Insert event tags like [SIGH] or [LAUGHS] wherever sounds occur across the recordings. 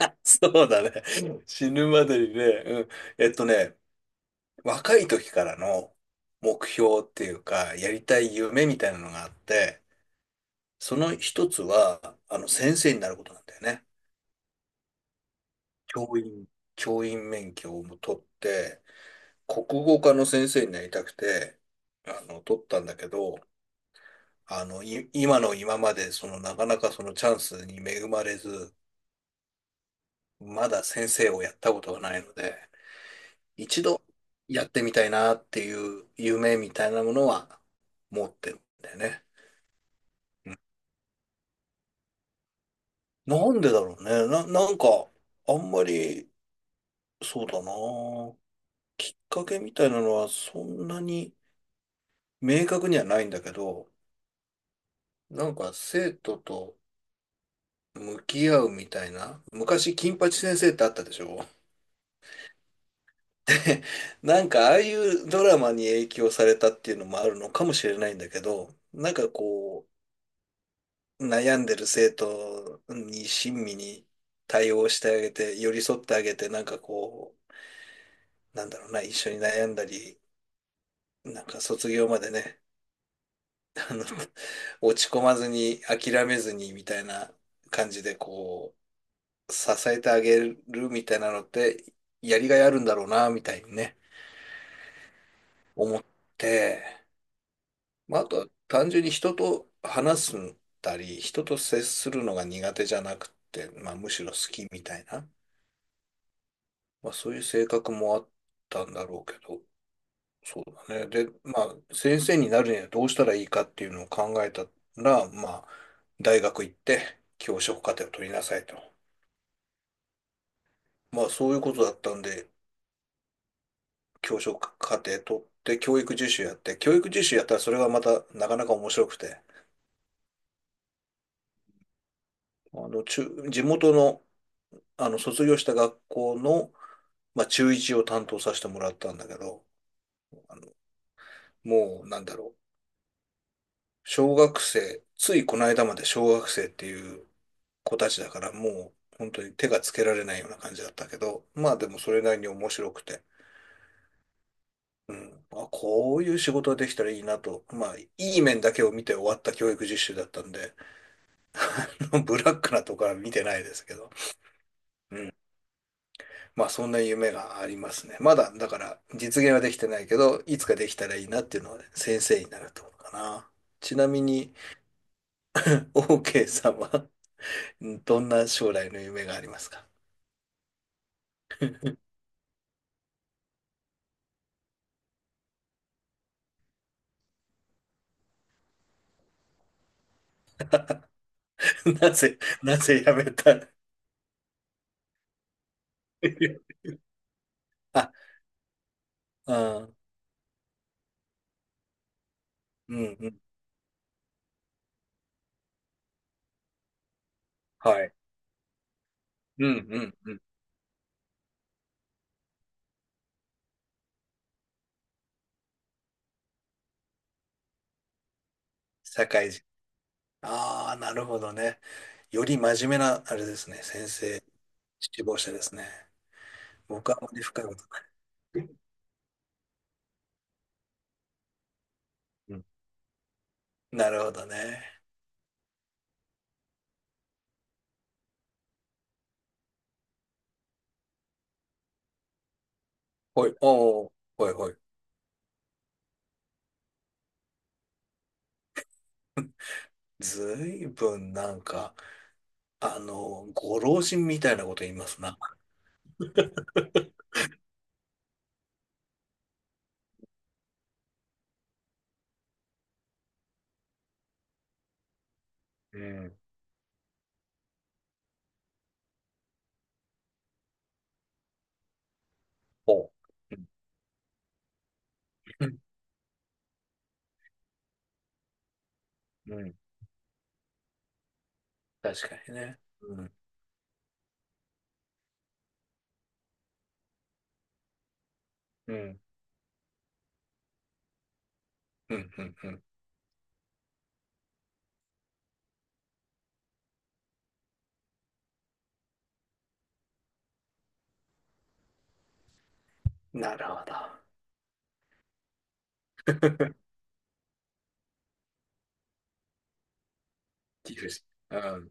[LAUGHS] そうだね。うん、死ぬまでにね、うん。えっとね、若い時からの目標っていうか、やりたい夢みたいなのがあって、その一つは、先生になることなんだよね。教員、教員免許をも取って、国語科の先生になりたくて、取ったんだけど、今の今まで、なかなかそのチャンスに恵まれず、まだ先生をやったことがないので、一度やってみたいなっていう夢みたいなものは持ってるんだよね。なんでだろうね。なんか、あんまり、そうだな。きっかけみたいなのはそんなに明確にはないんだけど、なんか生徒と向き合うみたいな。昔、金八先生ってあったでしょ。なんかああいうドラマに影響されたっていうのもあるのかもしれないんだけど、なんかこう、悩んでる生徒に親身に対応してあげて、寄り添ってあげて、なんかこう、なんだろうな、一緒に悩んだり、なんか卒業までね、あの、[LAUGHS] 落ち込まずに、諦めずに、みたいな感じで、こう、支えてあげるみたいなのって、やりがいあるんだろうな、みたいにね、思って、まあ、あとは単純に人と話すんだり、人と接するのが苦手じゃなくて、まあ、むしろ好きみたいな。まあ、そういう性格もあったんだろうけど、そうだね。で、まあ、先生になるにはどうしたらいいかっていうのを考えたら、まあ、大学行って教職課程を取りなさいと。まあ、そういうことだったんで、教職課程取って教育実習やって、教育実習やったらそれがまたなかなか面白くて、あの、中、地元の、卒業した学校の、まあ、中1を担当させてもらったんだけど、もう、なんだろう。小学生、ついこの間まで小学生っていう子たちだからもう本当に手がつけられないような感じだったけど、まあでもそれなりに面白くて、うん、まあ、こういう仕事ができたらいいなと、まあいい面だけを見て終わった教育実習だったんで、[LAUGHS] あのブラックなところは見てないですけど、うん、まあそんな夢がありますね。まだだから実現はできてないけど、いつかできたらいいなっていうのはね、先生になるところかな。ちなみに、[LAUGHS] OK さんは、うん、どんな将来の夢がありますか？ [LAUGHS] なぜ、なぜ辞めた？ [LAUGHS] あ、ああ、うんうん。はい。うんうんうん。社会人。ああ、なるほどね。より真面目な、あれですね。先生、志望者ですね。僕はあまり深いことない。うん、なるほどね。ほい、おお、ほいほい。ずいぶんなんか、ご老人みたいなこと言いますな。うん。ほう。うん。うん。確かにね。うん。うん。うん。うん。うん、なるほど。理不尽。うん。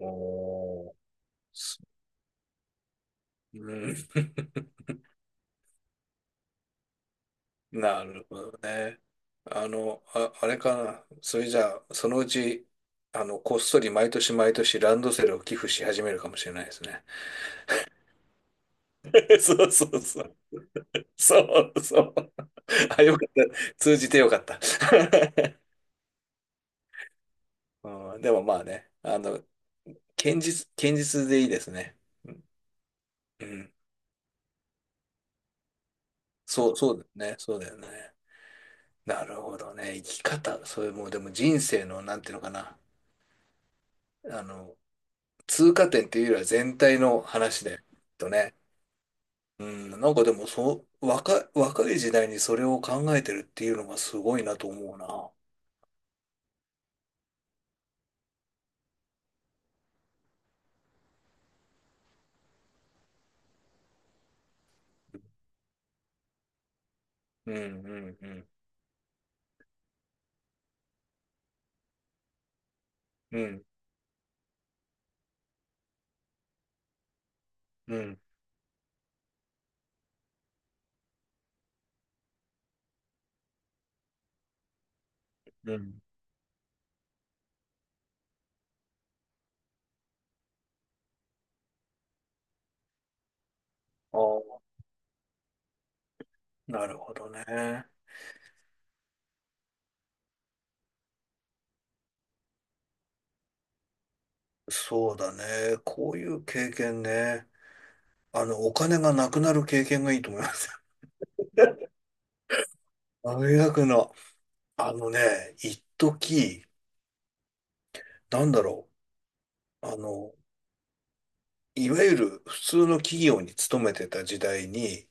おー。す、うん。なるほどね。あれかな。それじゃあ、そのうち、こっそり毎年毎年ランドセルを寄付し始めるかもしれないですね。[LAUGHS] そうそうそう。そうそう。あ、よかった。通じてよかった。[LAUGHS] うん、でもまあね、堅実、堅実でいいですね。うん。そう、そうだよね。そうだよね。なるほどね。生き方、それもうでも人生の、なんていうのかな。あの、通過点っていうよりは全体の話で、とね。うん、なんかでもそう、若い、若い時代にそれを考えてるっていうのがすごいなと思うな。うん、うん、うん、うん、うん、うん。ああ、なるほどね。そうだね。こういう経験ね。お金がなくなる経験がいいと思います。[LAUGHS] 大学の、あのね、一時、なんだろう。いわゆる普通の企業に勤めてた時代に、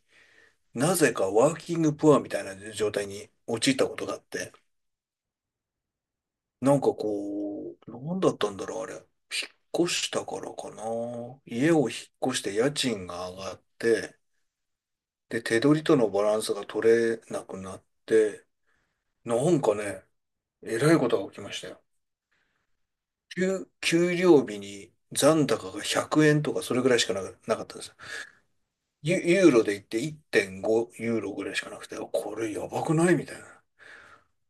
なぜかワーキングプアみたいな状態に陥ったことがあって、なんかこう、なんだったんだろう、あれ。引っ越したからかな。家を引っ越して家賃が上がって、で、手取りとのバランスが取れなくなって、なんかね、えらいことが起きましたよ。給料日に残高が100円とかそれぐらいしかな、なかったんですよ。ユーロで言って1.5ユーロぐらいしかなくて、これやばくないみたいな。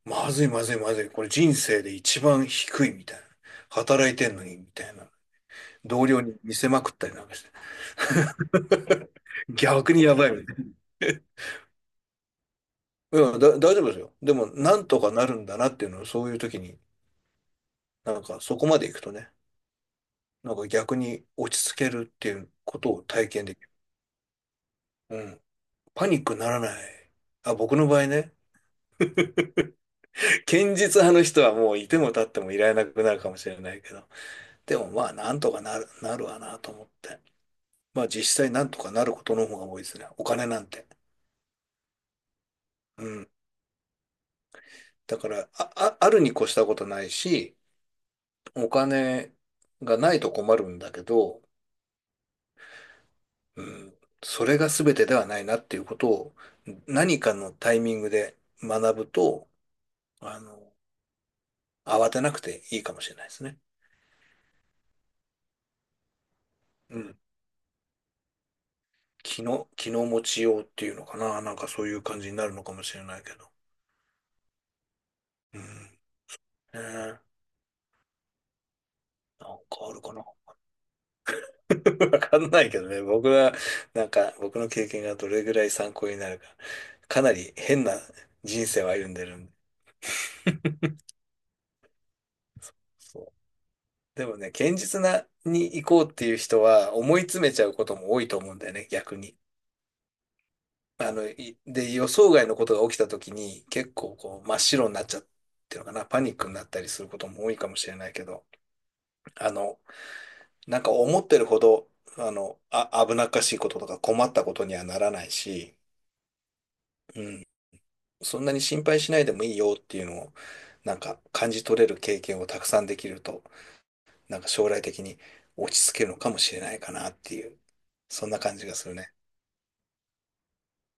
まずいまずいまずい。これ人生で一番低いみたいな。働いてんのにみたいな。同僚に見せまくったりなんかして [LAUGHS]。逆にやばいみたいな。大丈夫ですよ。でも、なんとかなるんだなっていうのを、そういう時に、なんか、そこまで行くとね、なんか逆に落ち着けるっていうことを体験できる。うん。パニックにならない。あ、僕の場合ね、堅実派の人はもういても立ってもいられなくなるかもしれないけど、でもまあ、なんとかなる、なるわなと思って。まあ、実際なんとかなることの方が多いですね。お金なんて。うん。だから、あるに越したことないし、お金がないと困るんだけど、うん、それが全てではないなっていうことを何かのタイミングで学ぶと、あの、慌てなくていいかもしれないですね。うん。気の持ちようっていうのかな。なんかそういう感じになるのかもしれないけど。うん。ねえ、なんかあるかな。[LAUGHS] わかんないけどね。僕は、なんか僕の経験がどれぐらい参考になるか。かなり変な人生を歩んでるんで。そう、でもね、堅実なに行こうっていう人は思い詰めちゃうことも多いと思うんだよね、逆に。予想外のことが起きた時に結構こう真っ白になっちゃうっていうのかな、パニックになったりすることも多いかもしれないけど、あの、なんか思ってるほど、危なっかしいこととか困ったことにはならないし、うん、そんなに心配しないでもいいよっていうのを、なんか感じ取れる経験をたくさんできるとなんか将来的に落ち着けるのかもしれないかなっていう、そんな感じがするね。